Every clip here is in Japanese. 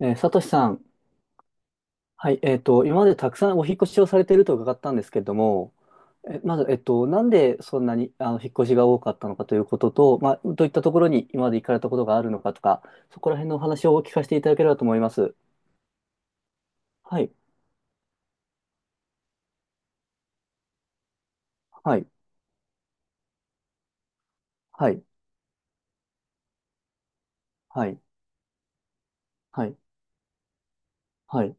サトシさん、はい、今までたくさんお引っ越しをされていると伺ったんですけれども、まず、なんでそんなに引っ越しが多かったのかということと、まあ、どういったところに今まで行かれたことがあるのかとか、そこら辺のお話をお聞かせていただければと思います。はい、はい、はい、はい、はい、はい、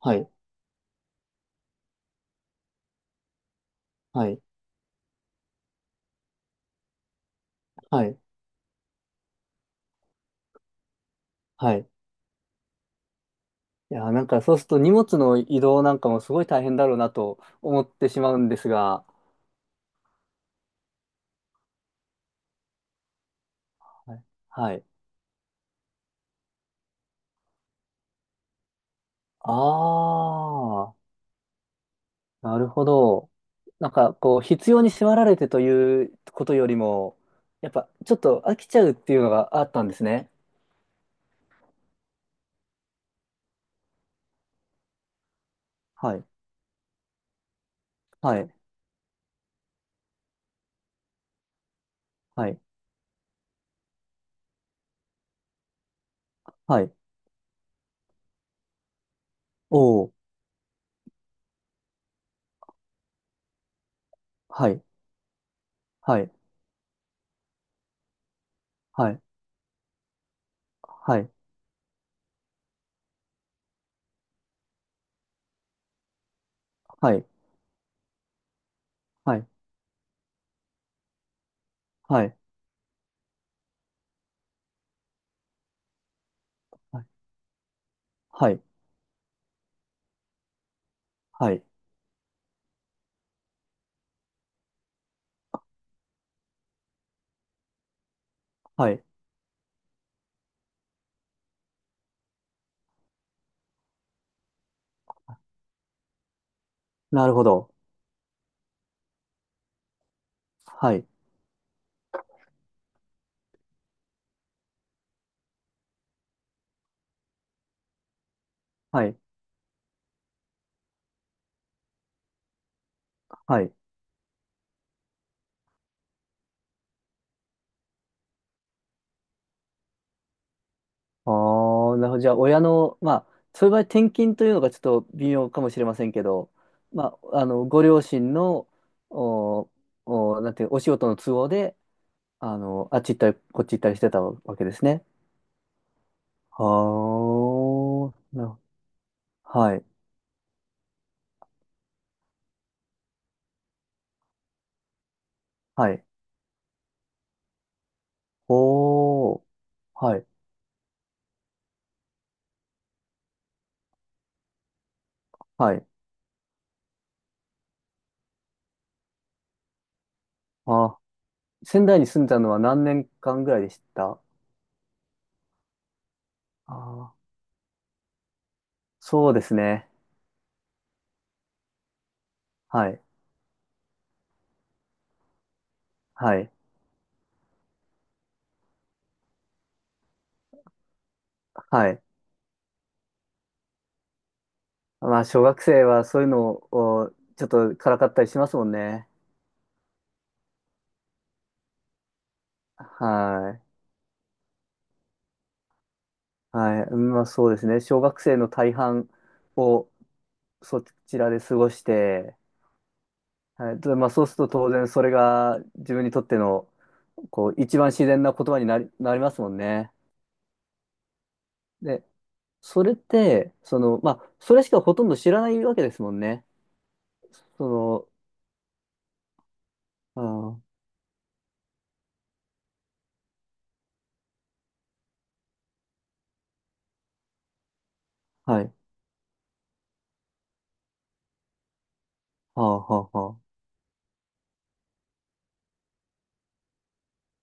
はい、はい、はい、はい。いやー、なんかそうすると荷物の移動なんかもすごい大変だろうなと思ってしまうんですが、はい。はいああ。なるほど。なんか、こう、必要に迫られてということよりも、やっぱ、ちょっと飽きちゃうっていうのがあったんですね。はい。はい。はい。はい。おー。はい。はい。はい。はい。はい。はい。はい。はい。はい。はい。はいなるほど。はい。はい。はい。ああ、なるほど。じゃあ、親の、まあ、そういう場合、転勤というのがちょっと微妙かもしれませんけど、まあ、ご両親の、お、なんていう、お仕事の都合で、あっち行ったり、こっち行ったりしてたわけですね。はあ、はい、はい。おー、はい、はい。あ、仙台に住んでたのは何年間ぐらいでしたあー？そうですね。はい、はい、はい。まあ、小学生はそういうのをちょっとからかったりしますもんね。はい。はい。まあ、そうですね。小学生の大半をそちらで過ごして、はい。でまあ、そうすると当然それが自分にとっての、こう、一番自然な言葉になりますもんね。で、それって、まあ、それしかほとんど知らないわけですもんね。そうん、はい。はあ、はあ、は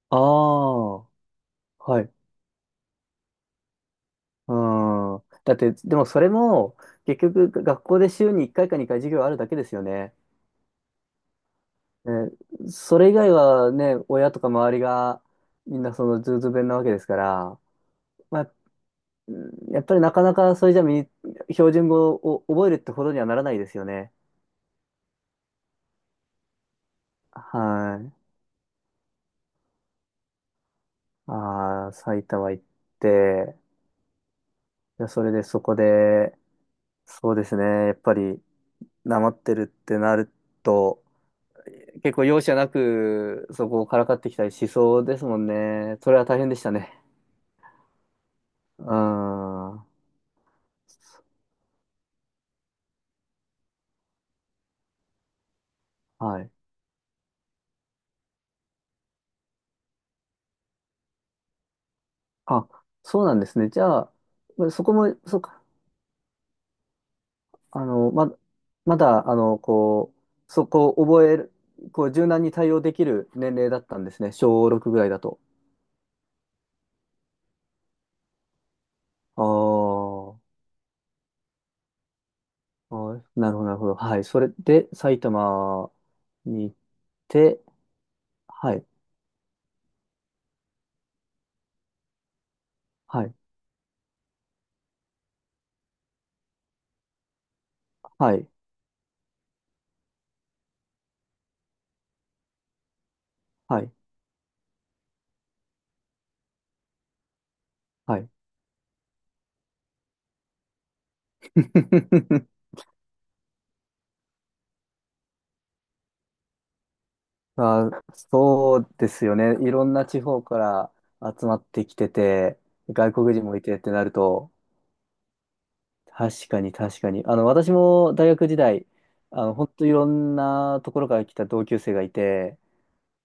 あ。ああ、はい。うん。だって、でもそれも、結局、学校で週に1回か2回授業あるだけですよね。ね、それ以外はね、親とか周りが、みんなそのズーズー弁なわけですから、まあ、うんやっぱりなかなかそれじゃ標準語を覚えるってほどにはならないですよね。はい。ああ、埼玉行って、いやそれでそこで、そうですね、やっぱり、なまってるってなると、結構容赦なくそこをからかってきたりしそうですもんね。それは大変でしたね。うーん。はい。あ、そうなんですね。じゃあ、そこも、そうか。あの、ま、まだ、こう、そこを覚える、こう、柔軟に対応できる年齢だったんですね。小6ぐらいだと。あーあー、なるほど、なるほど。はい。それで、埼玉に行って、はい、はい、はい、はい、はい。まあ、そうですよね。いろんな地方から集まってきてて、外国人もいてってなると、確かに確かに。私も大学時代、本当いろんなところから来た同級生がいて、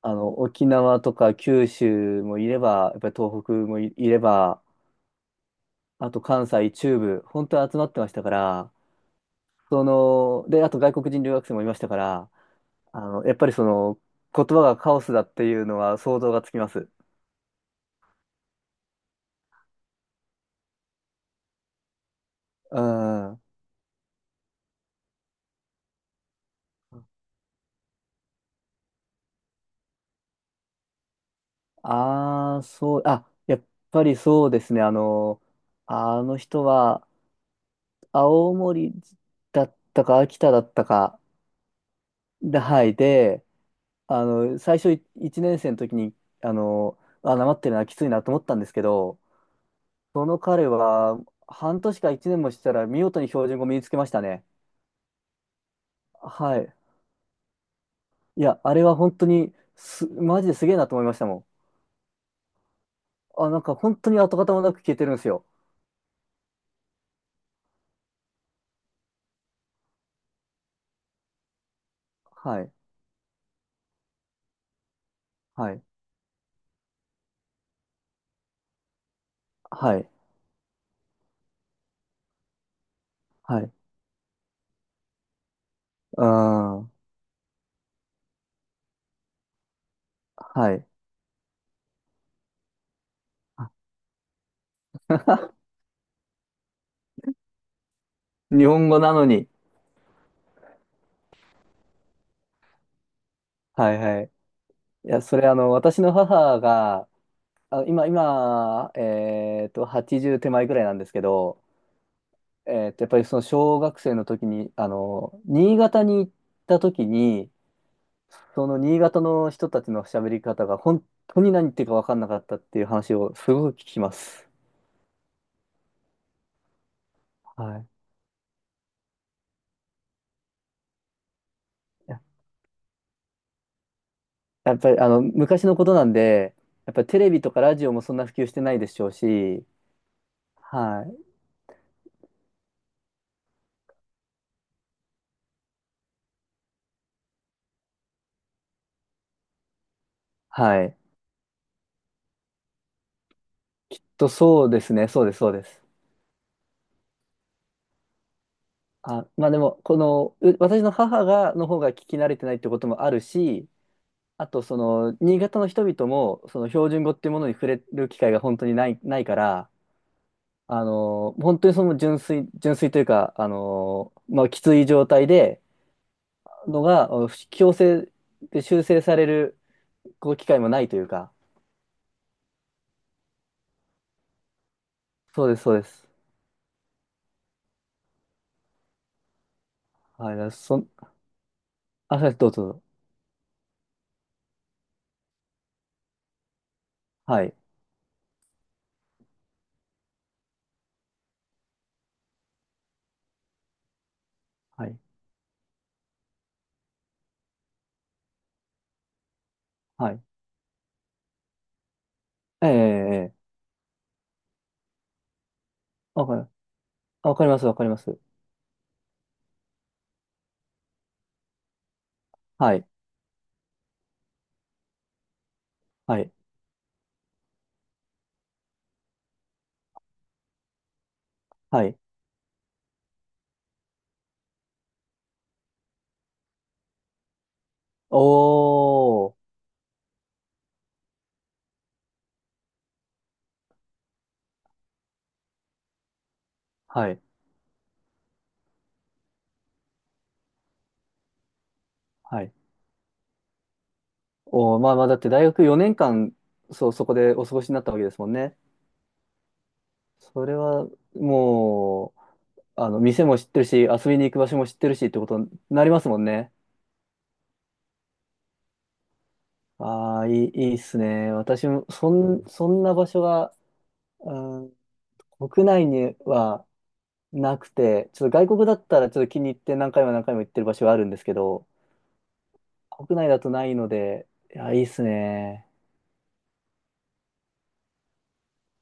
沖縄とか九州もいれば、やっぱり東北もいれば、あと関西、中部、本当に集まってましたから、で、あと外国人留学生もいましたから、やっぱり言葉がカオスだっていうのは想像がつきます。うん。ああ、そう、あ、やっぱりそうですね。あの人は、青森だったか、秋田だったか、で、はい、で、最初1年生の時に、あの、あ、なまってるな、きついなと思ったんですけど、その彼は、半年か1年もしたら、見事に標準語身につけましたね。はい。いや、あれは本当にマジですげえなと思いましたもん。あ、なんか本当に跡形もなく消えてるんですよ。はい、はい、はい、はい。うーん。はい。日本語なのに。はいはい。いや、それ私の母が、あ、今、80手前ぐらいなんですけど、やっぱりその小学生の時に、新潟に行った時に、その新潟の人たちの喋り方が本当に何言ってるか分かんなかったっていう話をすごく聞きます。はい。ややっぱり昔のことなんで、やっぱりテレビとかラジオもそんな普及してないでしょうし、はい。はい。そうですね、そうです、そうです。あ、まあでも、この、う私の母の方が聞き慣れてないってこともあるし、あと、新潟の人々も、その標準語っていうものに触れる機会が本当にないから、本当にその純粋、純粋というか、まあ、きつい状態で、のが、強制で修正される、こう、機会もないというか、そうです、そうです。はい、だそん、あ、そうですどうぞ、どうぞ。はい、はい、はい。ええええええわかる、わかります、わかります。はい。はい。はい。おー。はい。はい。おー、まあまあ、だって大学4年間、そう、そこでお過ごしになったわけですもんね。それは、もう、店も知ってるし、遊びに行く場所も知ってるしってことになりますもんね。ああ、いいっすね。私も、そんな場所が、うん、国内にはなくて、ちょっと外国だったらちょっと気に入って何回も何回も行ってる場所があるんですけど、国内だとないので、いや、いいっすね。